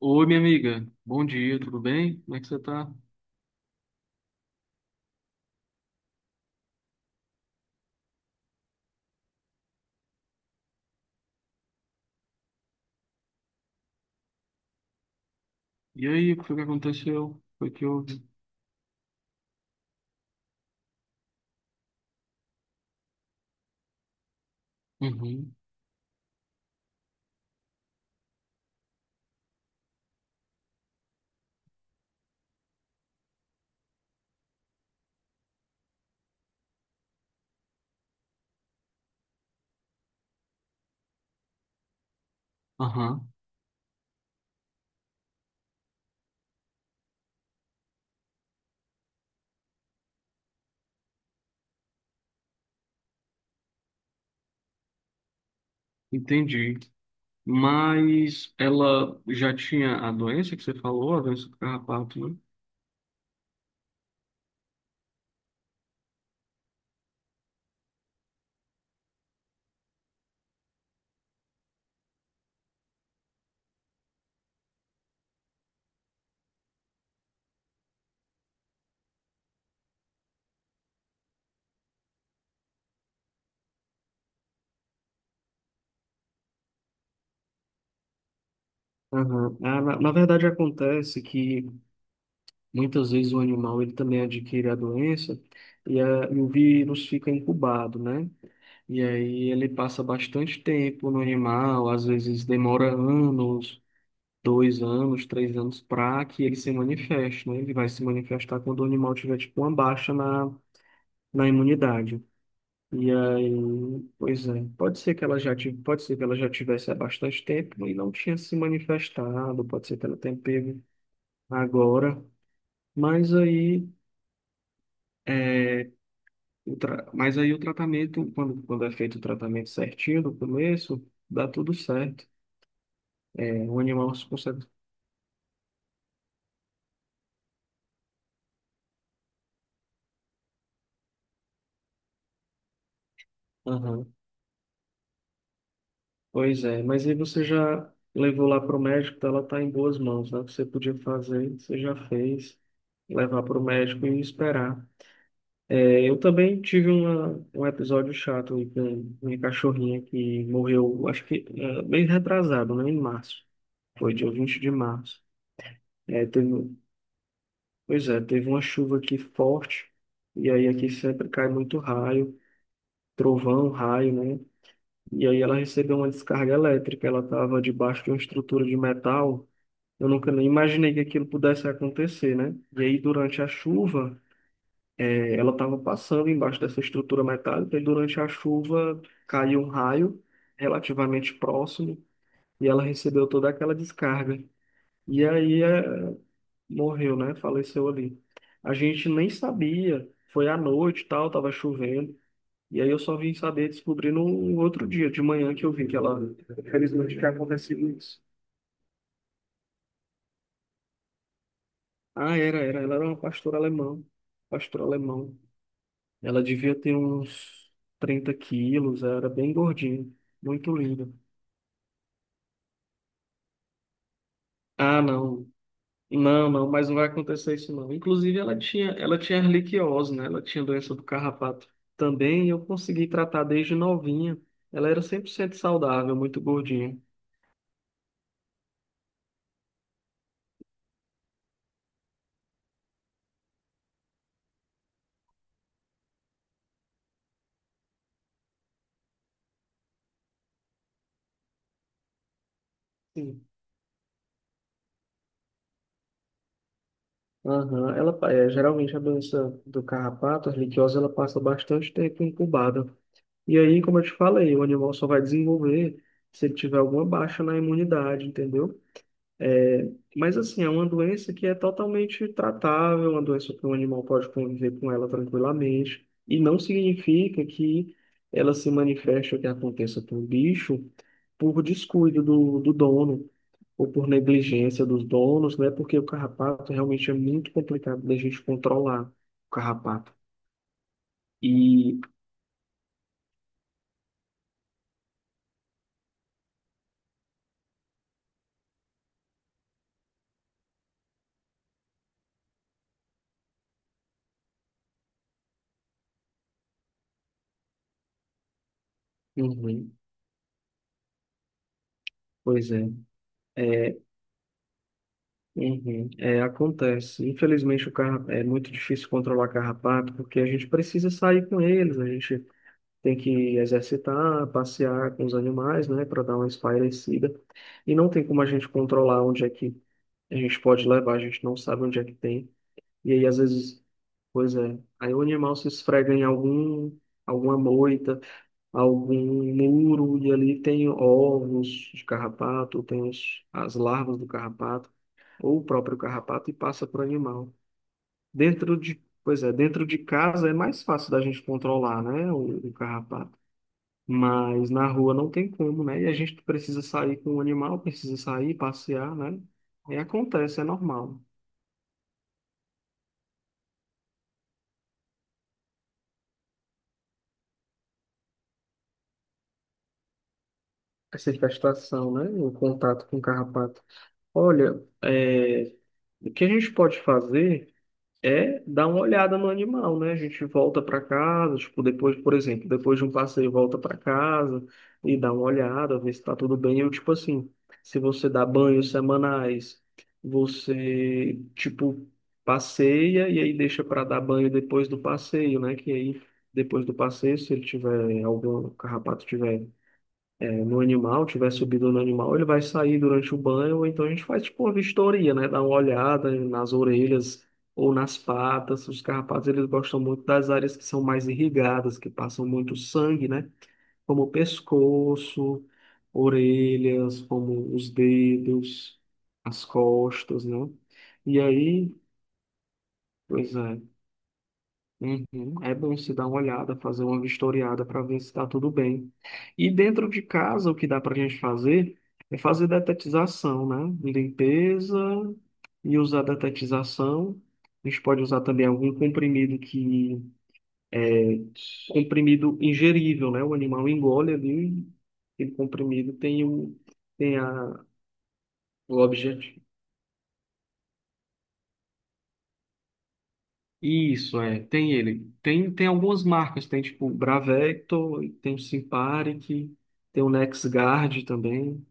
Oi, minha amiga. Bom dia, tudo bem? Como é que você tá? E aí, o que foi que aconteceu? Foi que houve? Uhum. Aham, entendi. Mas ela já tinha a doença que você falou, a doença do carrapato, né? Aham. Ah, na verdade, acontece que muitas vezes o animal ele também adquire a doença e o vírus fica incubado, né? E aí ele passa bastante tempo no animal, às vezes demora anos. 2 anos, 3 anos, para que ele se manifeste, né? Ele vai se manifestar quando o animal tiver, tipo, uma baixa na imunidade. E aí, pois é, pode ser que pode ser que ela já tivesse há bastante tempo e não tinha se manifestado, pode ser que ela tenha pego agora, mas aí é, mas aí o tratamento, quando é feito o tratamento certinho no começo, dá tudo certo. É, o animal se consegue. Pois é, mas aí você já levou lá para o médico, então ela está em boas mãos, né? O que você podia fazer, você já fez, levar para o médico e esperar. É, eu também tive um episódio chato aí com minha cachorrinha que morreu, acho que é, bem retrasado, né? Em março. Foi dia 20 de março. É, pois é, teve uma chuva aqui forte, e aí aqui sempre cai muito raio, trovão, raio, né? E aí ela recebeu uma descarga elétrica, ela estava debaixo de uma estrutura de metal. Eu nunca nem imaginei que aquilo pudesse acontecer, né? E aí, durante a chuva, ela estava passando embaixo dessa estrutura metálica, e durante a chuva caiu um raio relativamente próximo, e ela recebeu toda aquela descarga. E aí, morreu, né? Faleceu ali. A gente nem sabia, foi à noite e tal, estava chovendo. E aí eu só vim saber, descobrir no outro dia, de manhã, que eu vi que ela, felizmente, tinha acontecido isso. Ah, era, era. Ela era uma pastora alemã. Pastor alemão. Ela devia ter uns 30 quilos, era bem gordinha, muito linda. Ah, não. Não, não, mas não vai acontecer isso não. Inclusive, ela tinha erliquiose, né? Ela tinha doença do carrapato também, e eu consegui tratar desde novinha. Ela era 100% saudável, muito gordinha. Sim. Aham. Geralmente a doença do carrapato, a erliquiose, ela passa bastante tempo incubada. E aí, como eu te falei, o animal só vai desenvolver se ele tiver alguma baixa na imunidade, entendeu? É, mas assim, é uma doença que é totalmente tratável, uma doença que o animal pode conviver com ela tranquilamente, e não significa que ela se manifeste ou que aconteça com o bicho por descuido do dono ou por negligência dos donos, né? Porque o carrapato realmente é muito complicado da gente controlar o carrapato. E, uhum, pois é. É, Uhum. É, acontece. Infelizmente, o carro é muito difícil controlar carrapato, porque a gente precisa sair com eles, a gente tem que exercitar, passear com os animais, né, para dar uma espairecida. E não tem como a gente controlar onde é que a gente pode levar, a gente não sabe onde é que tem. E aí, às vezes, pois é, aí o animal se esfrega em alguma moita, algum muro, e ali tem ovos de carrapato, tem as larvas do carrapato ou o próprio carrapato e passa para o animal. Pois é, dentro de casa é mais fácil da gente controlar, né, o carrapato. Mas na rua não tem como, né? E a gente precisa sair com o animal, precisa sair, passear, né? E acontece, é normal. Essa infestação, né? O contato com o carrapato. Olha, é, o que a gente pode fazer? É dar uma olhada no animal, né? A gente volta para casa, tipo, depois, por exemplo, depois de um passeio, volta para casa e dá uma olhada, ver se tá tudo bem. Eu, tipo assim, se você dá banhos semanais, você, tipo, passeia e aí deixa para dar banho depois do passeio, né? Que aí, depois do passeio, se ele tiver algum carrapato tiver no animal, tiver subido no animal, ele vai sair durante o banho, ou então a gente faz tipo uma vistoria, né? Dá uma olhada nas orelhas ou nas patas. Os carrapatos, eles gostam muito das áreas que são mais irrigadas, que passam muito sangue, né? Como o pescoço, orelhas, como os dedos, as costas, né? E aí, pois é. Uhum. É bom se dar uma olhada, fazer uma vistoriada para ver se está tudo bem. E dentro de casa, o que dá para a gente fazer é fazer detetização, né? Limpeza e usar detetização. A gente pode usar também algum comprimido Comprimido ingerível, né? O animal engole ali, aquele comprimido tem o objeto. Isso, é, tem ele. Tem algumas marcas, tem tipo o Bravecto, tem o Simparic, tem o NexGard também.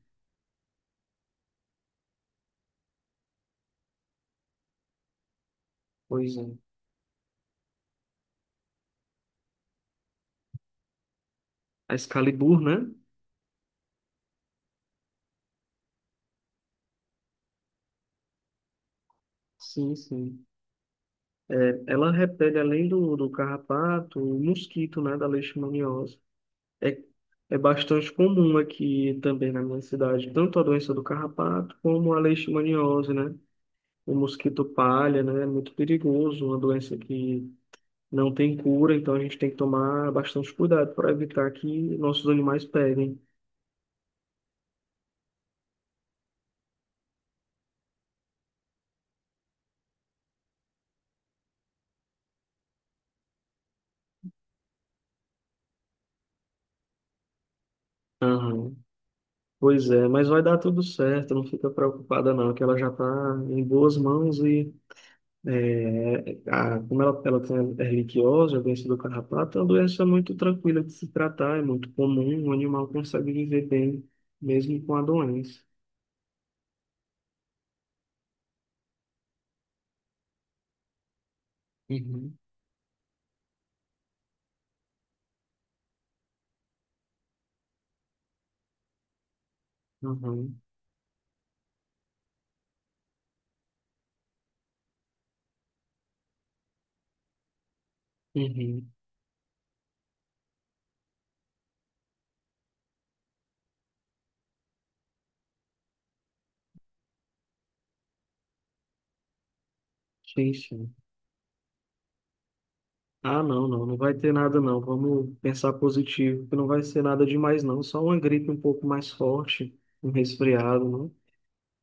Pois é. A Excalibur, né? Sim, sim. É, ela repele além do carrapato, o mosquito, né, da leishmaniose. É, é bastante comum aqui também na minha cidade, tanto a doença do carrapato como a leishmaniose, né? O mosquito palha, né? É muito perigoso, uma doença que não tem cura, então a gente tem que tomar bastante cuidado para evitar que nossos animais peguem. Aham. Pois é, mas vai dar tudo certo, não fica preocupada não, que ela já está em boas mãos e é, como ela tem erliquiose, a doença do carrapato, é uma doença muito tranquila de se tratar, é muito comum, o animal consegue viver bem mesmo com a doença. Uhum, uhum, uhum. Sim, sim. Ah, não, não, não vai ter nada não. Vamos pensar positivo, que não vai ser nada demais não. Só uma gripe um pouco mais forte, um resfriado, não.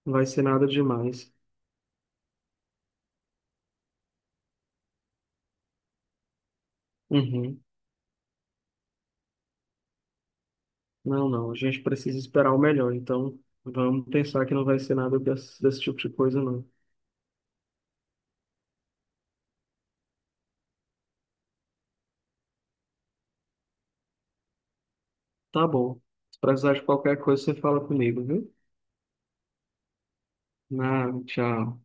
Não vai ser nada demais. Uhum. Não, não, a gente precisa esperar o melhor. Então, vamos pensar que não vai ser nada desse tipo de coisa não. Tá bom. Se precisar de qualquer coisa, você fala comigo, viu? Ah, tchau.